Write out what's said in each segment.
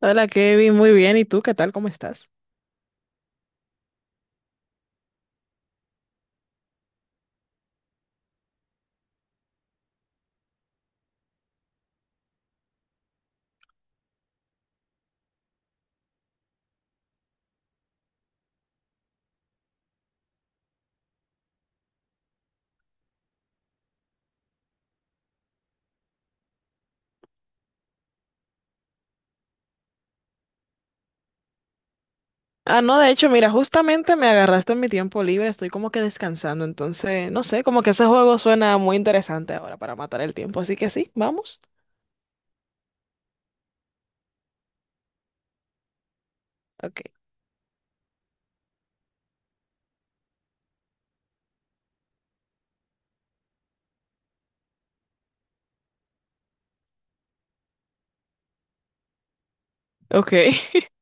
Hola Kevin, muy bien. ¿Y tú qué tal? ¿Cómo estás? Ah, no, de hecho, mira, justamente me agarraste en mi tiempo libre, estoy como que descansando, entonces, no sé, como que ese juego suena muy interesante ahora para matar el tiempo, así que sí, vamos. Ok. Ok.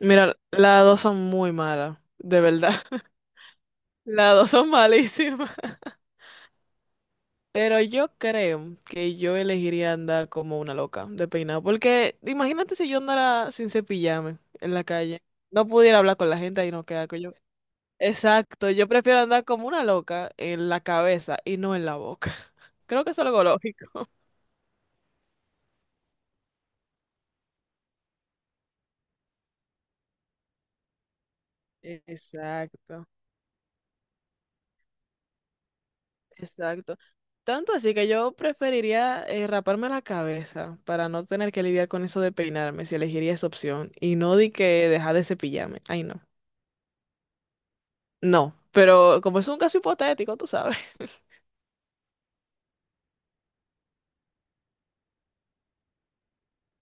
Mira, las dos son muy malas, de verdad. Las dos son malísimas. Pero yo creo que yo elegiría andar como una loca de peinado, porque imagínate si yo andara sin cepillarme en la calle, no pudiera hablar con la gente y no queda que exacto, yo prefiero andar como una loca en la cabeza y no en la boca. Creo que es algo lógico. Exacto, exacto. Tanto así que yo preferiría raparme la cabeza para no tener que lidiar con eso de peinarme, si elegiría esa opción, y no di que dejar de cepillarme. Ay, no. No, pero como es un caso hipotético, tú sabes.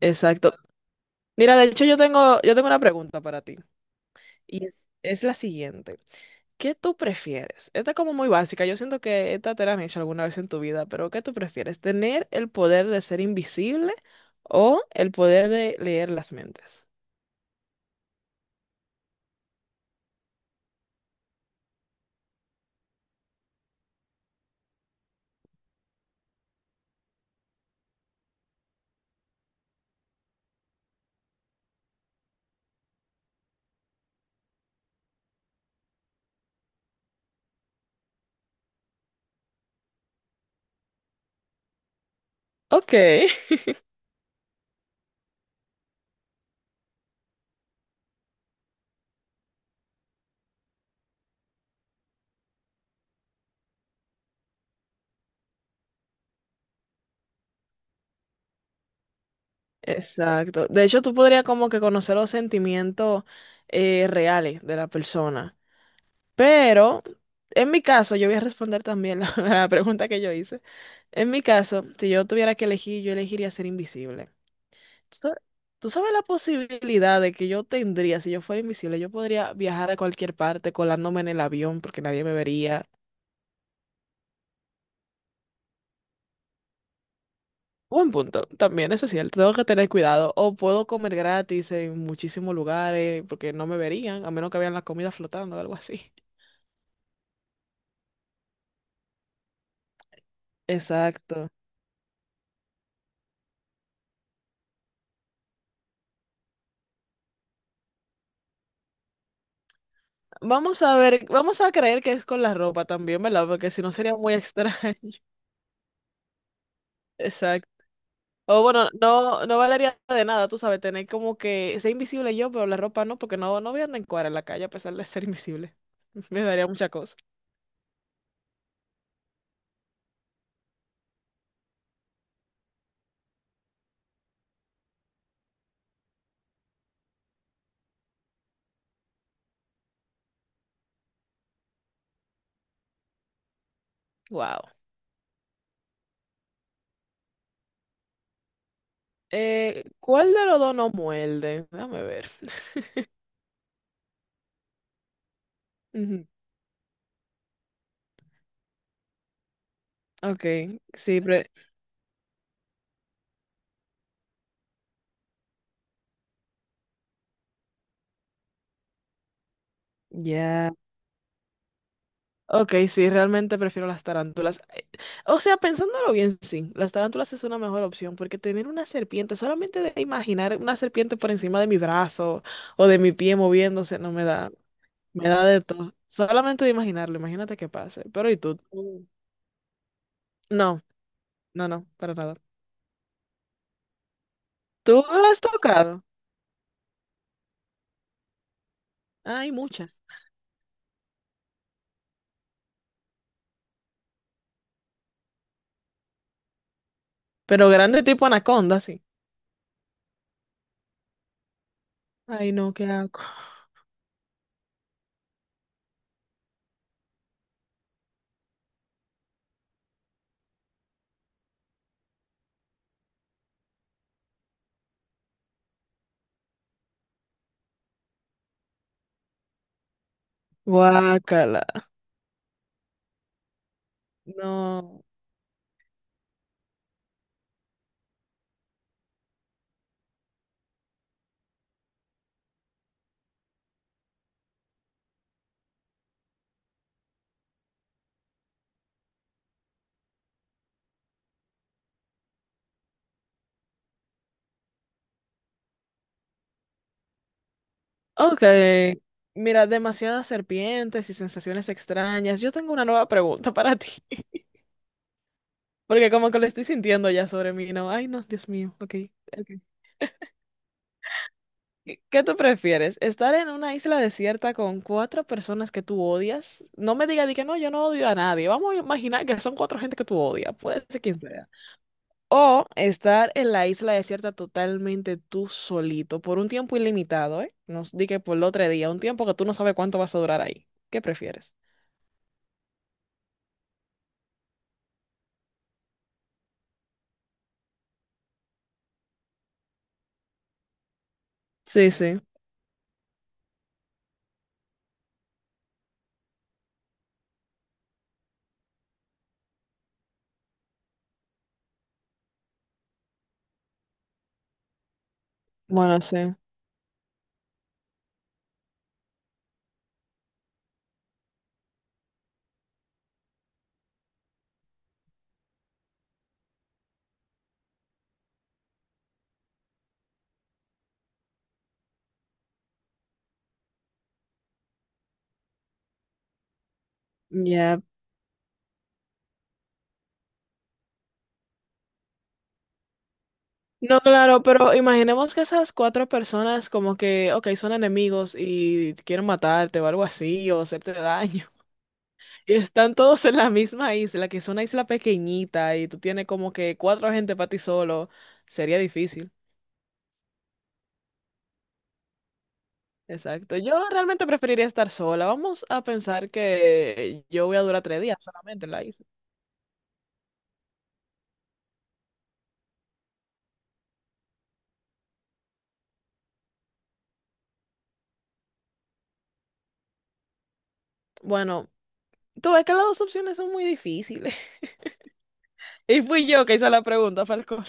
Exacto. Mira, de hecho yo tengo una pregunta para ti, y es la siguiente. ¿Qué tú prefieres? Esta es como muy básica. Yo siento que esta te la han hecho alguna vez en tu vida, pero ¿qué tú prefieres? ¿Tener el poder de ser invisible o el poder de leer las mentes? Ok, exacto. De hecho, tú podrías como que conocer los sentimientos reales de la persona. Pero, en mi caso, yo voy a responder también la, la pregunta que yo hice. En mi caso, si yo tuviera que elegir, yo elegiría ser invisible. ¿Tú sa- ¿Tú sabes la posibilidad de que yo tendría, si yo fuera invisible, yo podría viajar a cualquier parte colándome en el avión porque nadie me vería? Buen punto, también eso es cierto, tengo que tener cuidado. O puedo comer gratis en muchísimos lugares porque no me verían, a menos que vean la comida flotando o algo así. Exacto. Vamos a ver, vamos a creer que es con la ropa también, ¿verdad? Porque si no sería muy extraño. Exacto. O bueno, no, no valería de nada, tú sabes, tener como que ser invisible yo, pero la ropa no, porque no, no voy a andar en cuadra en la calle a pesar de ser invisible. Me daría mucha cosa. Wow. ¿Cuál de los dos no muerde? Déjame ver. Ujú. Ok, sí, pre- ya. Okay, sí, realmente prefiero las tarántulas. O sea, pensándolo bien, sí, las tarántulas es una mejor opción, porque tener una serpiente, solamente de imaginar una serpiente por encima de mi brazo o de mi pie moviéndose, no me da, me da de todo. Solamente de imaginarlo, imagínate qué pase. Pero ¿y tú? No, no, no, para nada. ¿Tú la has tocado? Hay muchas. Pero grande tipo anaconda, sí. Ay, no, qué asco. Guácala. No. Ok. Mira, demasiadas serpientes y sensaciones extrañas. Yo tengo una nueva pregunta para ti. Porque como que lo estoy sintiendo ya sobre mí, ¿no? Ay, no, Dios mío. Ok. Ok. ¿Qué tú prefieres? ¿Estar en una isla desierta con cuatro personas que tú odias? No me digas di que no, yo no odio a nadie. Vamos a imaginar que son cuatro gente que tú odias, puede ser quien sea. O estar en la isla desierta totalmente tú solito por un tiempo ilimitado, ¿eh? No di que por el otro día, un tiempo que tú no sabes cuánto vas a durar ahí. ¿Qué prefieres? Sí, sí. Bueno, sí. Ya. No, claro, pero imaginemos que esas cuatro personas como que, ok, son enemigos y quieren matarte o algo así o hacerte daño. Están todos en la misma isla, que es una isla pequeñita y tú tienes como que cuatro gente para ti solo. Sería difícil. Exacto. Yo realmente preferiría estar sola. Vamos a pensar que yo voy a durar 3 días solamente en la isla. Bueno, tú ves que las dos opciones son muy difíciles. Y fui yo que hice la pregunta, para el colmo.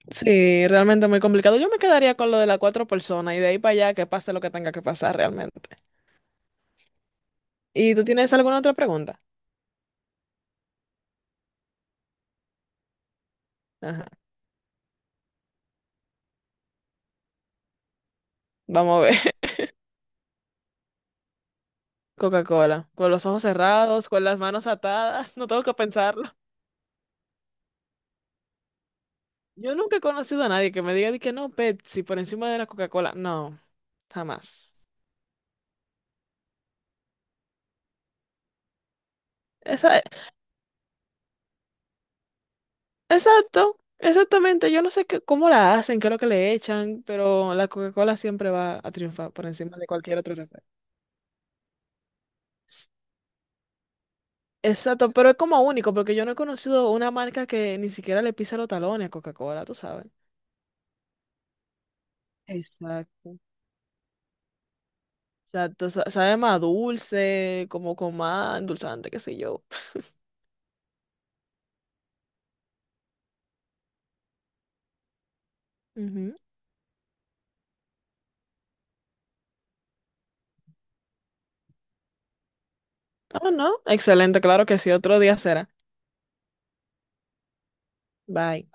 Sí, realmente muy complicado. Yo me quedaría con lo de las cuatro personas y de ahí para allá que pase lo que tenga que pasar realmente. ¿Y tú tienes alguna otra pregunta? Ajá. Vamos a ver. Coca-Cola, con los ojos cerrados, con las manos atadas, no tengo que pensarlo. Yo nunca he conocido a nadie que me diga de que no, Pepsi por encima de la Coca-Cola. No, jamás. Esa, exacto, exactamente. Yo no sé qué, cómo la hacen, qué es lo que le echan, pero la Coca-Cola siempre va a triunfar por encima de cualquier otro refresco. Exacto, pero es como único, porque yo no he conocido una marca que ni siquiera le pisa los talones a Coca-Cola, tú sabes. Exacto. Exacto, sabe más dulce, como con más endulzante, qué sé yo. Ujú. Oh, no. Excelente, claro que sí. Otro día será. Bye.